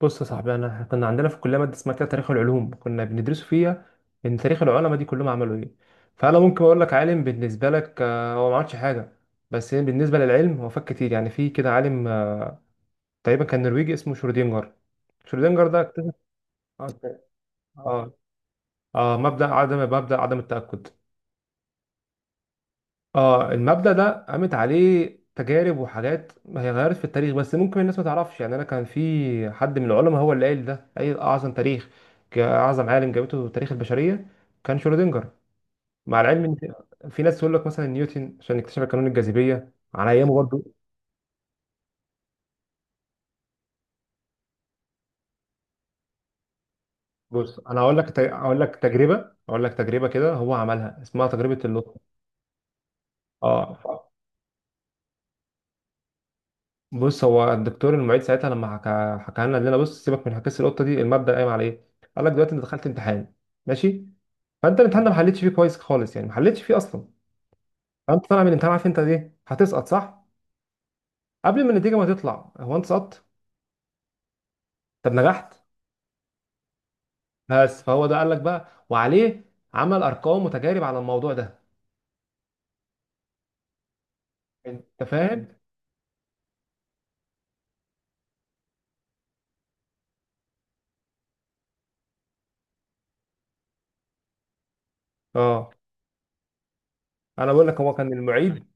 بص يا صاحبي، انا كنا عندنا في الكليه ماده اسمها كده تاريخ العلوم، كنا بندرسه فيها ان تاريخ العلماء دي كلهم عملوا ايه. فانا ممكن اقول لك عالم بالنسبه لك هو ما عملش حاجه، بس بالنسبه للعلم هو فات كتير. يعني في كده عالم تقريبا كان نرويجي اسمه شرودينجر. شرودينجر ده اكتشف. اه. اه. مبدا عدم التاكد. اه، المبدأ ده قامت عليه تجارب وحاجات هي غيرت في التاريخ، بس ممكن الناس ما تعرفش. يعني انا كان في حد من العلماء هو اللي قال ده، قال اعظم تاريخ، اعظم عالم جابته تاريخ البشريه كان شرودنجر. مع العلم ان في ناس تقول لك مثلا نيوتن عشان اكتشف قانون الجاذبيه على ايامه برضه. بص انا هقول لك اقول لك تجربه اقول لك تجربه كده هو عملها، اسمها تجربه اللوتس. اه. بص، هو الدكتور المعيد ساعتها لما حكى لنا، قال لنا بص سيبك من حكايه القطه دي، المبدا قايم على ايه؟ قال لك دلوقتي انت دخلت امتحان، ماشي؟ فانت الامتحان ده ما حلتش فيه كويس خالص، يعني ما حلتش فيه اصلا. فانت طالع من الامتحان عارف انت ايه؟ هتسقط، صح؟ قبل ما النتيجه ما تطلع، هو انت سقطت؟ طب نجحت؟ بس فهو ده قال لك بقى، وعليه عمل ارقام وتجارب على الموضوع ده. انت فاهم؟ اه، انا بقول لك هو كان المعيد.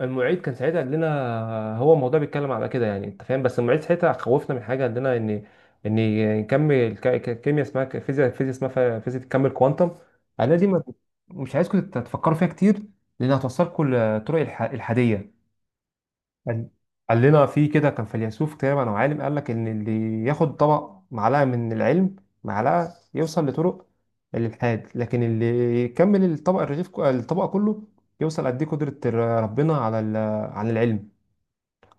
المعيد كان ساعتها قال لنا هو الموضوع بيتكلم على كده، يعني انت فاهم. بس المعيد ساعتها خوفنا من حاجه، قال لنا ان ان نكمل كيمياء اسمها فيزياء اسمها فيزياء تكمل كوانتم. قال لنا دي مش عايزكم تفكروا فيها كتير، لان هتوصلكم لطرق الحاديه. قال قال لنا في كده كان فيلسوف تقريبا او عالم، قال لك ان اللي ياخد طبق معلقه من العلم، معلقه، يوصل لطرق الالحاد، لكن اللي يكمل الطبق الرغيف الطبق كله يوصل قد ايه قدره ربنا عن العلم.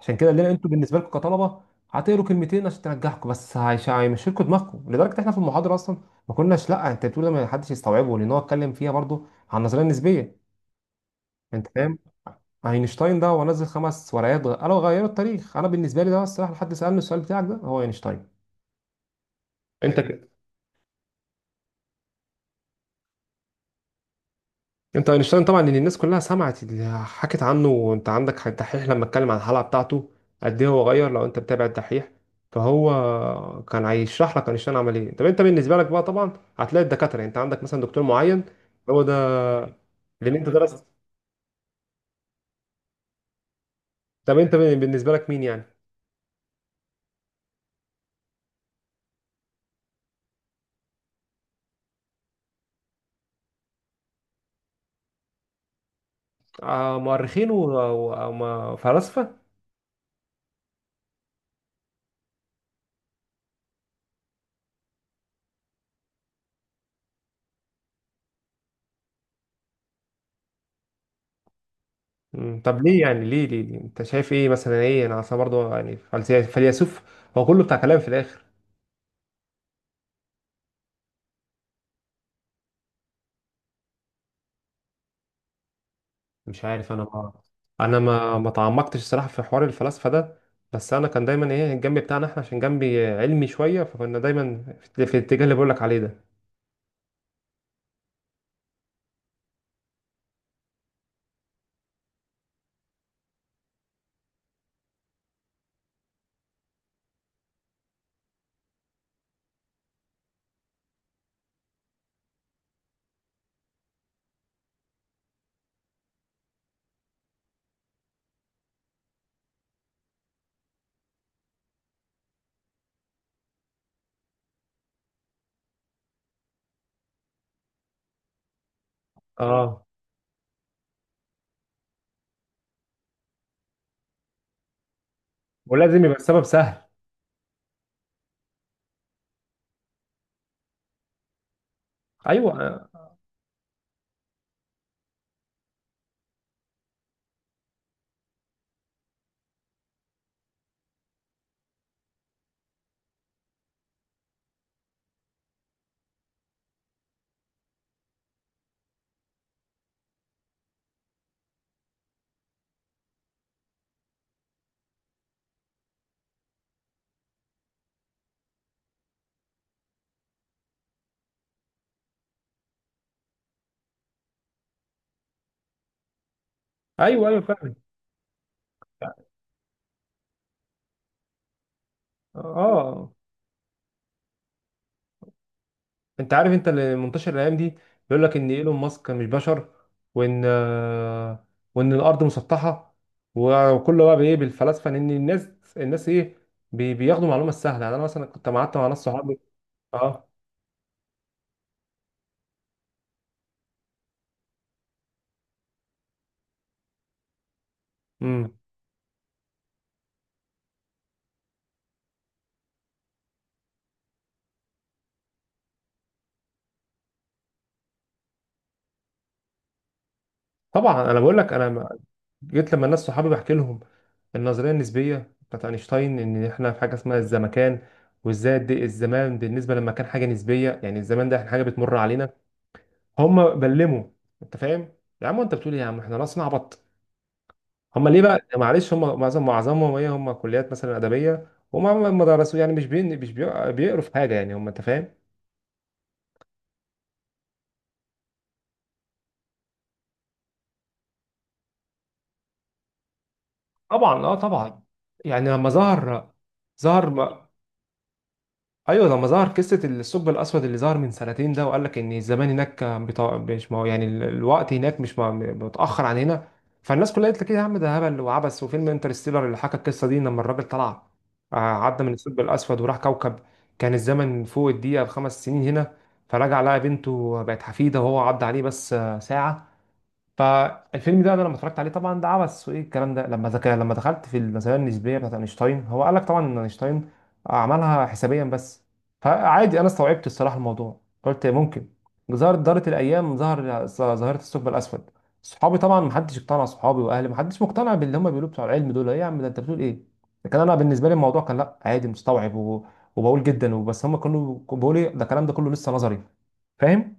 عشان كده قال لنا انتوا بالنسبه لكم كطلبه هتقروا كلمتين عشان تنجحكم بس، هيمشي لكم دماغكم لدرجه احنا في المحاضره اصلا ما كناش، لا انت بتقول ما حدش يستوعبه، لان هو اتكلم فيها برضو عن النظريه النسبيه. انت فاهم. اينشتاين ده هو نزل 5 ورقات قالوا غيروا التاريخ. انا بالنسبه لي ده، الصراحه، لحد سالني السؤال بتاعك ده، هو اينشتاين. انت ك... انت اينشتاين طبعا، ان الناس كلها سمعت اللي حكت عنه، وانت عندك حق. الدحيح لما اتكلم عن الحلقه بتاعته قد ايه هو غير، لو انت بتابع الدحيح فهو كان هيشرح لك اينشتاين عمل ايه. طب انت بالنسبه لك بقى طبعا هتلاقي الدكاتره، يعني انت عندك مثلا دكتور معين، هو ده، لان انت درست. طب انت بالنسبه لك مين يعني؟ آه، مؤرخين وفلاسفه. مم. طب ليه يعني، ليه، ليه، ليه؟ انت شايف ايه مثلا؟ ايه، انا اصلا برضه يعني فيلسوف هو كله بتاع كلام في الاخر. مش عارف، انا ما انا ما ما تعمقتش الصراحه في حوار الفلاسفه ده. بس انا كان دايما ايه الجنب بتاعنا احنا عشان جنبي علمي شويه، فكنا دايما في الاتجاه اللي بقول لك عليه ده. اه، ولازم يبقى السبب سهل. ايوه، ايوه، ايوه، فاهم. اه، انت عارف انت اللي منتشر الايام دي بيقول لك ان ايلون ماسك مش بشر، وان آه، وان الارض مسطحه، وكله بقى بايه؟ بالفلسفه، ان الناس ايه، بياخدوا معلومه سهله. يعني انا مثلا كنت قعدت مع ناس صحابي. اه. امم. طبعا انا بقول لك، انا ما- جيت لما الناس صحابي بحكي لهم النظريه النسبيه بتاعت اينشتاين ان احنا في حاجه اسمها الزمكان، وازاي قد إيه الزمان بالنسبه لما كان حاجه نسبيه، يعني الزمان ده احنا حاجه بتمر علينا. هم بلموا، انت فاهم؟ يا عم انت بتقول ايه يا عم، احنا ناس نعبط. هم ليه بقى؟ معلش هم معظمهم ايه، هم كليات مثلا ادبيه، وما ما درسوا، يعني مش بيقروا في حاجه، يعني هم، انت فاهم. طبعا، اه، طبعا. يعني لما ظهر، ظهر ايوه، لما ظهر قصه الثقب الاسود اللي ظهر من سنتين ده، وقال لك ان الزمان هناك كان مش ما هو، يعني الوقت هناك مش متاخر عن هنا. فالناس كلها قالت لك ايه يا عم، ده هبل وعبث، وفيلم انترستيلر اللي حكى القصه دي، لما الراجل طلع عدى من الثقب الاسود وراح كوكب، كان الزمن فوق الدقيقه ب5 سنين هنا، فرجع لقى بنته بقت حفيده وهو عدى عليه بس ساعه. فالفيلم ده انا لما اتفرجت عليه طبعا ده عبث وايه الكلام ده، لما دخلت في النظريه النسبيه بتاعت اينشتاين هو قال لك طبعا ان اينشتاين عملها حسابيا بس، فعادي انا استوعبت الصراحه الموضوع قلت ممكن. دارت الايام ظهر ظاهره الثقب الاسود. صحابي طبعا محدش اقتنع، صحابي واهلي محدش مقتنع باللي هم بيقولوا، بتوع العلم دول ايه يا عم؟ ده انت بتقول ايه؟ لكن انا بالنسبه لي الموضوع كان لا، عادي، مستوعب وبقول جدا وبس. هم كانوا بيقولوا إيه، ده الكلام ده كله لسه نظري. فاهم.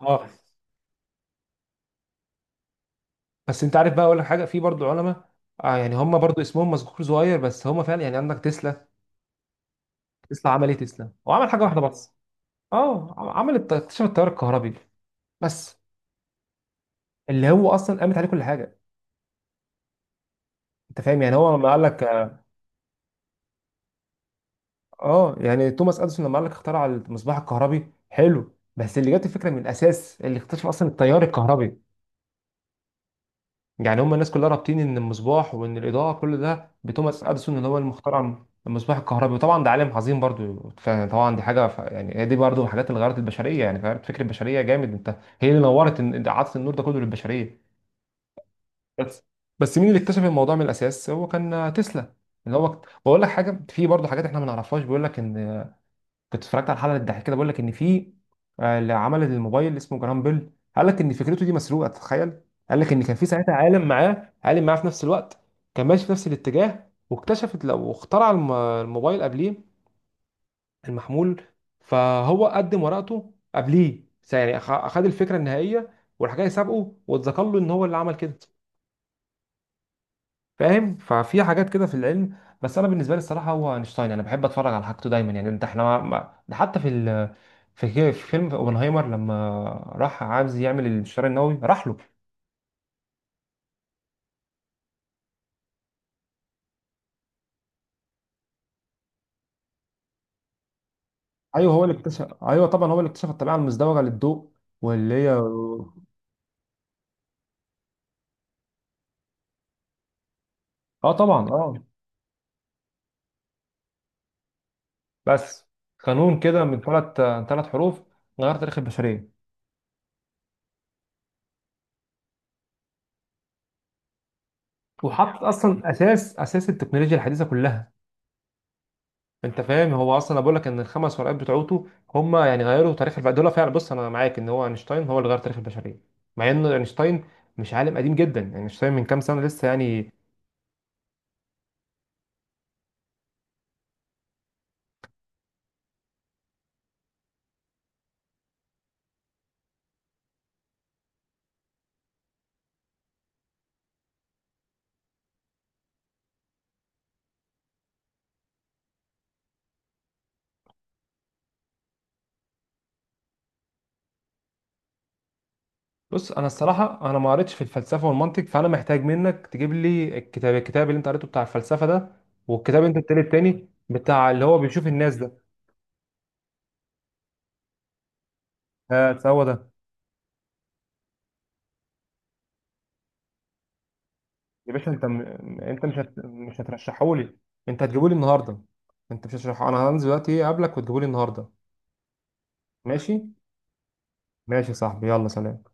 اه، بس انت عارف بقى، اقول لك حاجه في برضو علماء يعني هم برضو اسمهم مذكور صغير، بس هم فعلا يعني عندك تسلا. تسلا عمل ايه؟ تسلا هو عمل حاجه واحده بس. اه، اكتشف التيار الكهربي. بس اللي هو اصلا قامت عليه كل حاجه. انت فاهم، يعني هو لما قال لك اه يعني توماس اديسون لما قال لك اخترع المصباح الكهربي، حلو، بس اللي جات الفكره من الاساس، اللي اكتشف اصلا التيار الكهربي. يعني هم الناس كلها رابطين ان المصباح وان الاضاءه كل ده بتوماس اديسون اللي هو المخترع، المصباح الكهربي، وطبعا ده عالم عظيم برضو. فطبعا دي حاجه يعني هي دي برضو من الحاجات اللي غيرت البشريه، يعني غيرت فكر البشريه جامد. انت، هي اللي نورت، عطت النور ده كله للبشريه، بس بس مين اللي اكتشف الموضوع من الاساس؟ هو كان تسلا. اللي هو بقول لك حاجه في برضو حاجات احنا ما نعرفهاش. بيقول لك ان كنت اتفرجت على حلقه الضحك كده، بقول لك ان في اللي عمل الموبايل اسمه جرام بيل. قال لك ان فكرته دي مسروقه، تتخيل. قال لك ان كان في ساعتها عالم معاه في نفس الوقت كان ماشي في نفس الاتجاه، واكتشفت لو اخترع الموبايل قبليه، المحمول. فهو قدم ورقته قبليه، يعني اخد الفكره النهائيه والحاجه اللي سابقه، واتذكر له ان هو اللي عمل كده. فاهم. ففي حاجات كده في العلم، بس انا بالنسبه لي الصراحه هو اينشتاين. انا بحب اتفرج على حاجته دايما، يعني انت احنا ده حتى في ال... في في فيلم اوبنهايمر لما راح عايز يعمل الانشتار النووي راح له. ايوه هو اللي اكتشف، ايوه طبعا هو اللي اكتشف الطبيعه المزدوجه للضوء واللي هي، اه، طبعا، اه، بس قانون كده من 3 حروف غير تاريخ البشريه، وحط اصلا اساس التكنولوجيا الحديثه كلها. انت فاهم، هو اصلا انا بقول لك ان ال5 ورقات بتوعته هم يعني غيروا تاريخ دول فعلا. بص انا معاك ان هو اينشتاين هو اللي غير تاريخ البشريه، مع ان اينشتاين مش عالم قديم جدا يعني، اينشتاين من كام سنه لسه يعني. بص انا الصراحه انا ما قريتش في الفلسفه والمنطق، فانا محتاج منك تجيب لي الكتاب اللي انت قريته بتاع الفلسفه ده، والكتاب اللي انت التاني بتاع اللي هو بيشوف الناس ده. ها هو ده. يا باشا انت م... انت مش هت... مش هترشحه لي، انت هتجيبه لي النهارده. انت مش هترشحه، انا هنزل دلوقتي اقابلك وتجيبه لي النهارده. ماشي. ماشي يا صاحبي، يلا سلام.